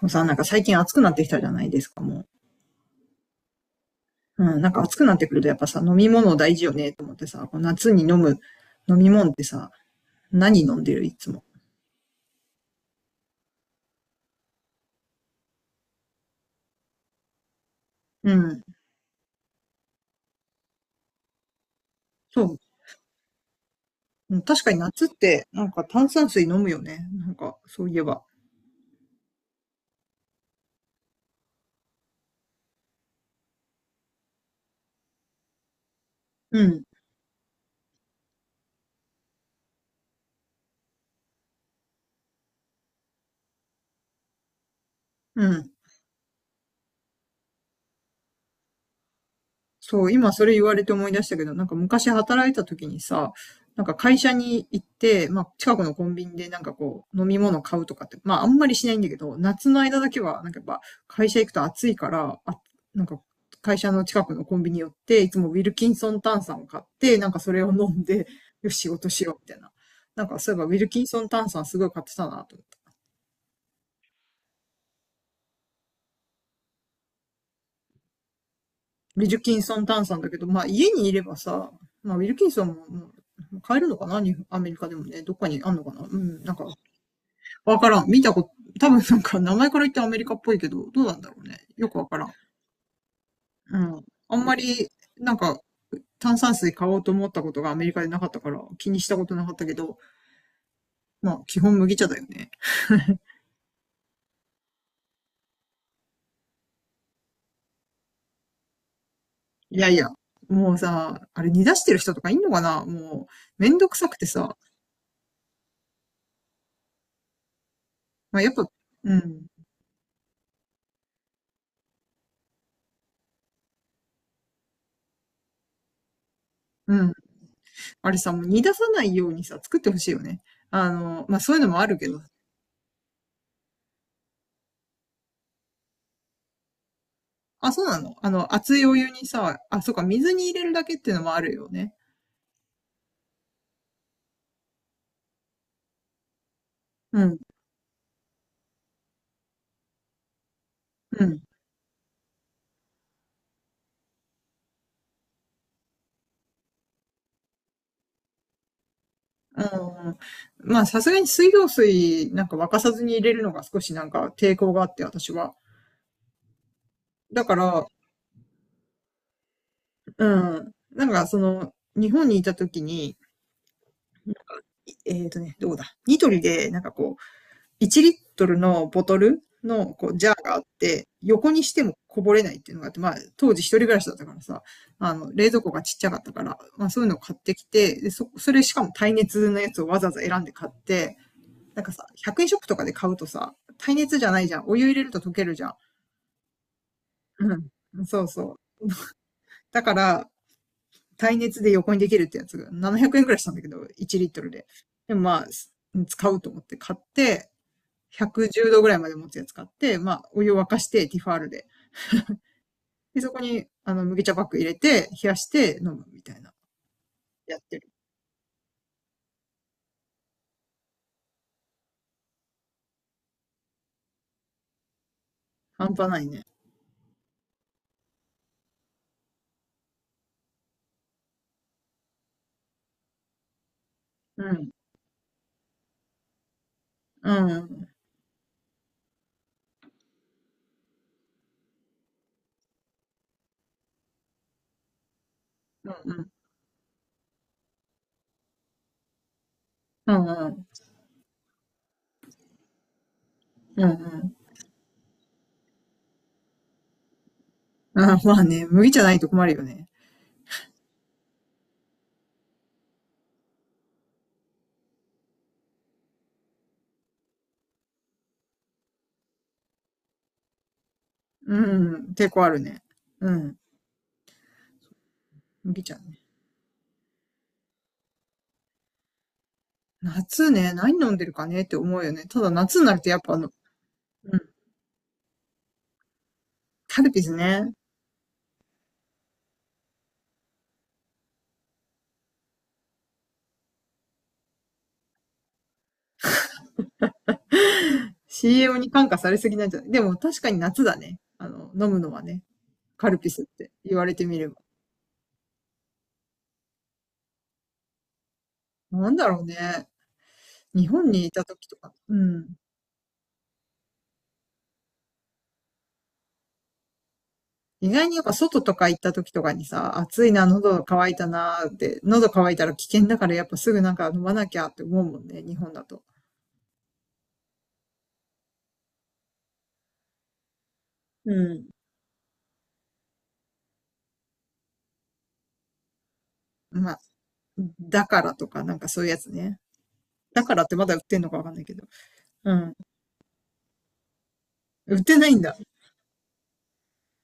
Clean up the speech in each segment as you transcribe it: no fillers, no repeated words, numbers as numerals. もうさ、最近暑くなってきたじゃないですか、もう。うん、暑くなってくるとやっぱさ、飲み物大事よね、と思ってさ、夏に飲む飲み物ってさ、何飲んでるいつも。うん。そう。確かに夏って、なんか炭酸水飲むよね。なんか、そういえば。うん。うん。そう、今それ言われて思い出したけど、なんか昔働いた時にさ、なんか会社に行って、まあ近くのコンビニでなんかこう飲み物買うとかって、まああんまりしないんだけど、夏の間だけはなんかやっぱ会社行くと暑いから、あ、なんか会社の近くのコンビニ寄って、いつもウィルキンソン炭酸を買って、なんかそれを飲んで、よし仕事しようみたいな。なんかそういえばウィルキンソン炭酸すごい買ってたなと思ってウィルキンソン炭酸だけど、まあ家にいればさ、まあウィルキンソンもう買えるのかな？アメリカでもね、どっかにあんのかな？うん、なんか、わからん。見たこと、多分なんか名前から言ってアメリカっぽいけど、どうなんだろうね。よくわからん。うん。あんまり、なんか、炭酸水買おうと思ったことがアメリカでなかったから気にしたことなかったけど、まあ基本麦茶だよね。いやいや、もうさ、あれ煮出してる人とかいんのかな？もう、めんどくさくてさ、まあやっぱ、うん、うん、あれさ、もう煮出さないようにさ、作ってほしいよね。あの、まあ、そういうのもあるけど。あ、そうなの？あの、熱いお湯にさ、あ、そうか、水に入れるだけっていうのもあるよね。うん、うん。あのまあ、さすがに水道水なんか沸かさずに入れるのが少しなんか抵抗があって、私は。だから、うん。なんか、その、日本にいた時に、いえっとね、どうだ。ニトリで、なんかこう、1リットルのボトルのこうジャーがあって、横にしてもこぼれないっていうのがあって、まあ、当時一人暮らしだったからさ、あの、冷蔵庫がちっちゃかったから、まあそういうのを買ってきて、でそれしかも耐熱のやつをわざわざ選んで買って、なんかさ、100円ショップとかで買うとさ、耐熱じゃないじゃん。お湯入れると溶けるじゃん。うん。そうそう。だから、耐熱で横にできるってやつが700円くえんくらいしたんだけど、1リットルで。でもまあ、使うと思って買って、110度ぐらいまで持つやつ買って、まあ、お湯を沸かして、ティファールで。で、そこに、あの、麦茶パック入れて、冷やして飲むみたいな。やってる。半端ないね。うん。うん。うんうん。うんうん。うんうん。まあね、麦茶ないと困るよね。うん。抵抗あるね。うん。麦茶ね。夏ね、何飲んでるかねって思うよね。ただ夏になるとやっぱあの、うん。カルピスね。CM に感化されすぎなんじゃない？でも確かに夏だね。あの、飲むのはね。カルピスって言われてみれば。なんだろうね。日本にいた時とか、うん。意外にやっぱ外とか行った時とかにさ、暑いな、喉乾いたなーって、喉乾いたら危険だからやっぱすぐなんか飲まなきゃって思うもんね、日本だと。うん。まあ、だからとかなんかそういうやつね。だからってまだ売ってんのかわかんないけど。うん。売ってないんだ。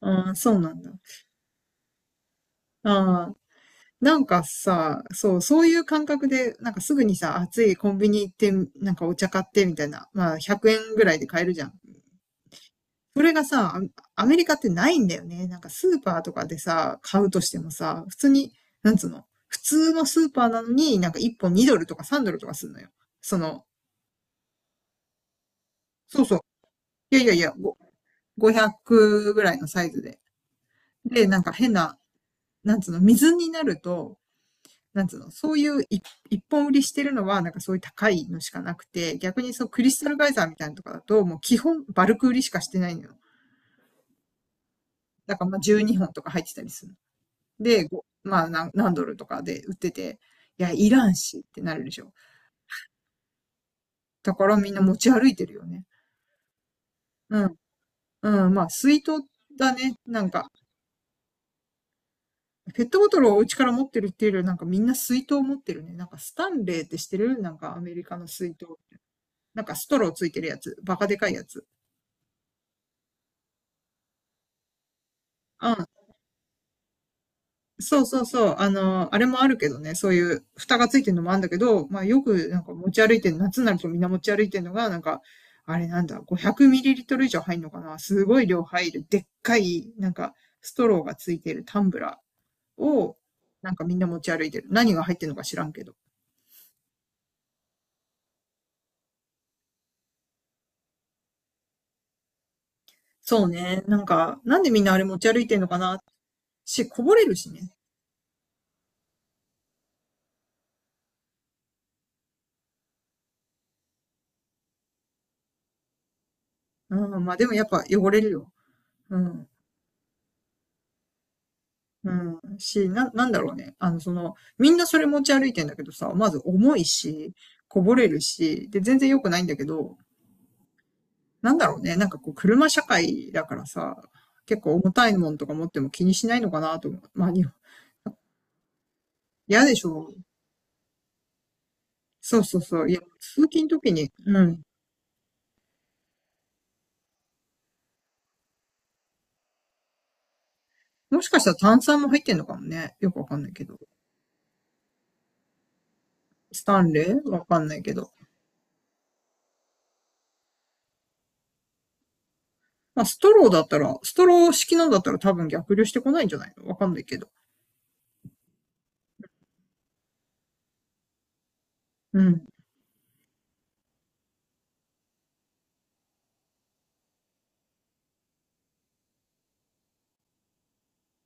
うん、そうなんだ。ああ。なんかさ、そう、そういう感覚で、なんかすぐにさ、暑いコンビニ行って、なんかお茶買ってみたいな、まあ100円ぐらいで買えるじゃん。それがさ、アアメリカってないんだよね。なんかスーパーとかでさ、買うとしてもさ、普通に、なんつうの、普通のスーパーなのになんか1本2ドルとか3ドルとかするのよ。その、そうそう。いやいやいや、500ぐらいのサイズで。で、なんか変な、なんつうの、水になると、なんつうの、そういう一一本売りしてるのは、なんかそういう高いのしかなくて、逆にそうクリスタルガイザーみたいなのとかだと、もう基本バルク売りしかしてないのよ。だからまあ12本とか入ってたりする。で、まあ何ドルとかで売ってて、いや、いらんしってなるでしょ。だからみんな持ち歩いてるよね。うん。うん。まあ、水筒だね。なんか、ペットボトルをお家から持ってるっていうよりは、なんかみんな水筒持ってるね。なんかスタンレーってしてるなんかアメリカの水筒。なんかストローついてるやつ。バカでかいやつ。うん。そうそうそう。あの、あれもあるけどね、そういう蓋がついてるのもあるんだけど、まあよくなんか持ち歩いてる、夏になるとみんな持ち歩いてるのが、なんか、あれなんだ、500ml 以上入るのかな？すごい量入る、でっかい、なんか、ストローがついてるタンブラーを、なんかみんな持ち歩いてる。何が入ってるのか知らんけど。そうね。なんか、なんでみんなあれ持ち歩いてるのかな？こぼれるしね。うん、まあでもやっぱ汚れるよ。うん。うん、なんだろうね。あの、その、みんなそれ持ち歩いてんだけどさ、まず重いし、こぼれるし、で、全然良くないんだけど、なんだろうね。なんかこう、車社会だからさ、結構重たいもんとか持っても気にしないのかなと思う。まあ、日本嫌でしょ。そうそうそう。いや、通勤時に、うん。もしかしたら炭酸も入ってんのかもね。よくわかんないけど。スタンレーわかんないけど。まあ、ストローだったら、ストロー式のだったら多分逆流してこないんじゃないの？わかんないけど。うん。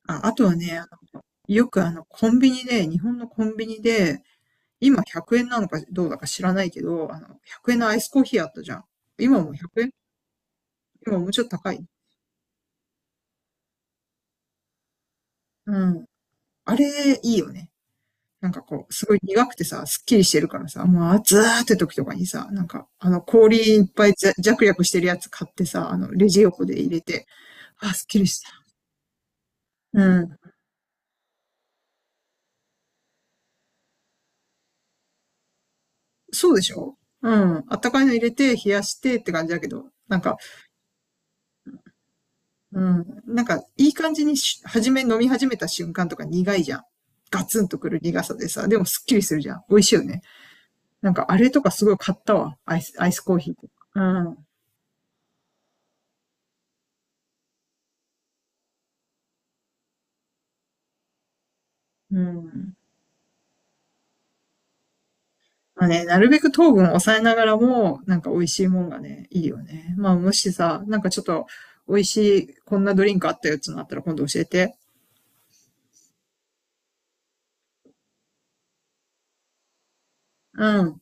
あ、あとはね、よくあの、コンビニで、日本のコンビニで、今100円なのかどうだか知らないけど、あの、100円のアイスコーヒーあったじゃん。今も100円？今もうちょっと高い。うん。あれ、いいよね。なんかこう、すごい苦くてさ、すっきりしてるからさ、もう暑ーって時とかにさ、なんか、あの、氷いっぱいざジャクしてるやつ買ってさ、あの、レジ横で入れて、あ、すっきりした。うん。そうでしょ？うん。あったかいの入れて、冷やしてって感じだけど、なんか、うん。なんか、いい感じにし、初め飲み始めた瞬間とか苦いじゃん。ガツンとくる苦さでさ、でもすっきりするじゃん。美味しいよね。なんか、あれとかすごい買ったわ。アイス、アイスコーヒーとか。うん。うん。まあね、なるべく糖分を抑えながらも、なんか美味しいもんがね、いいよね。まあ、もしさ、なんかちょっと、美味しい、こんなドリンクあったよってのあったら今度教えて。うん。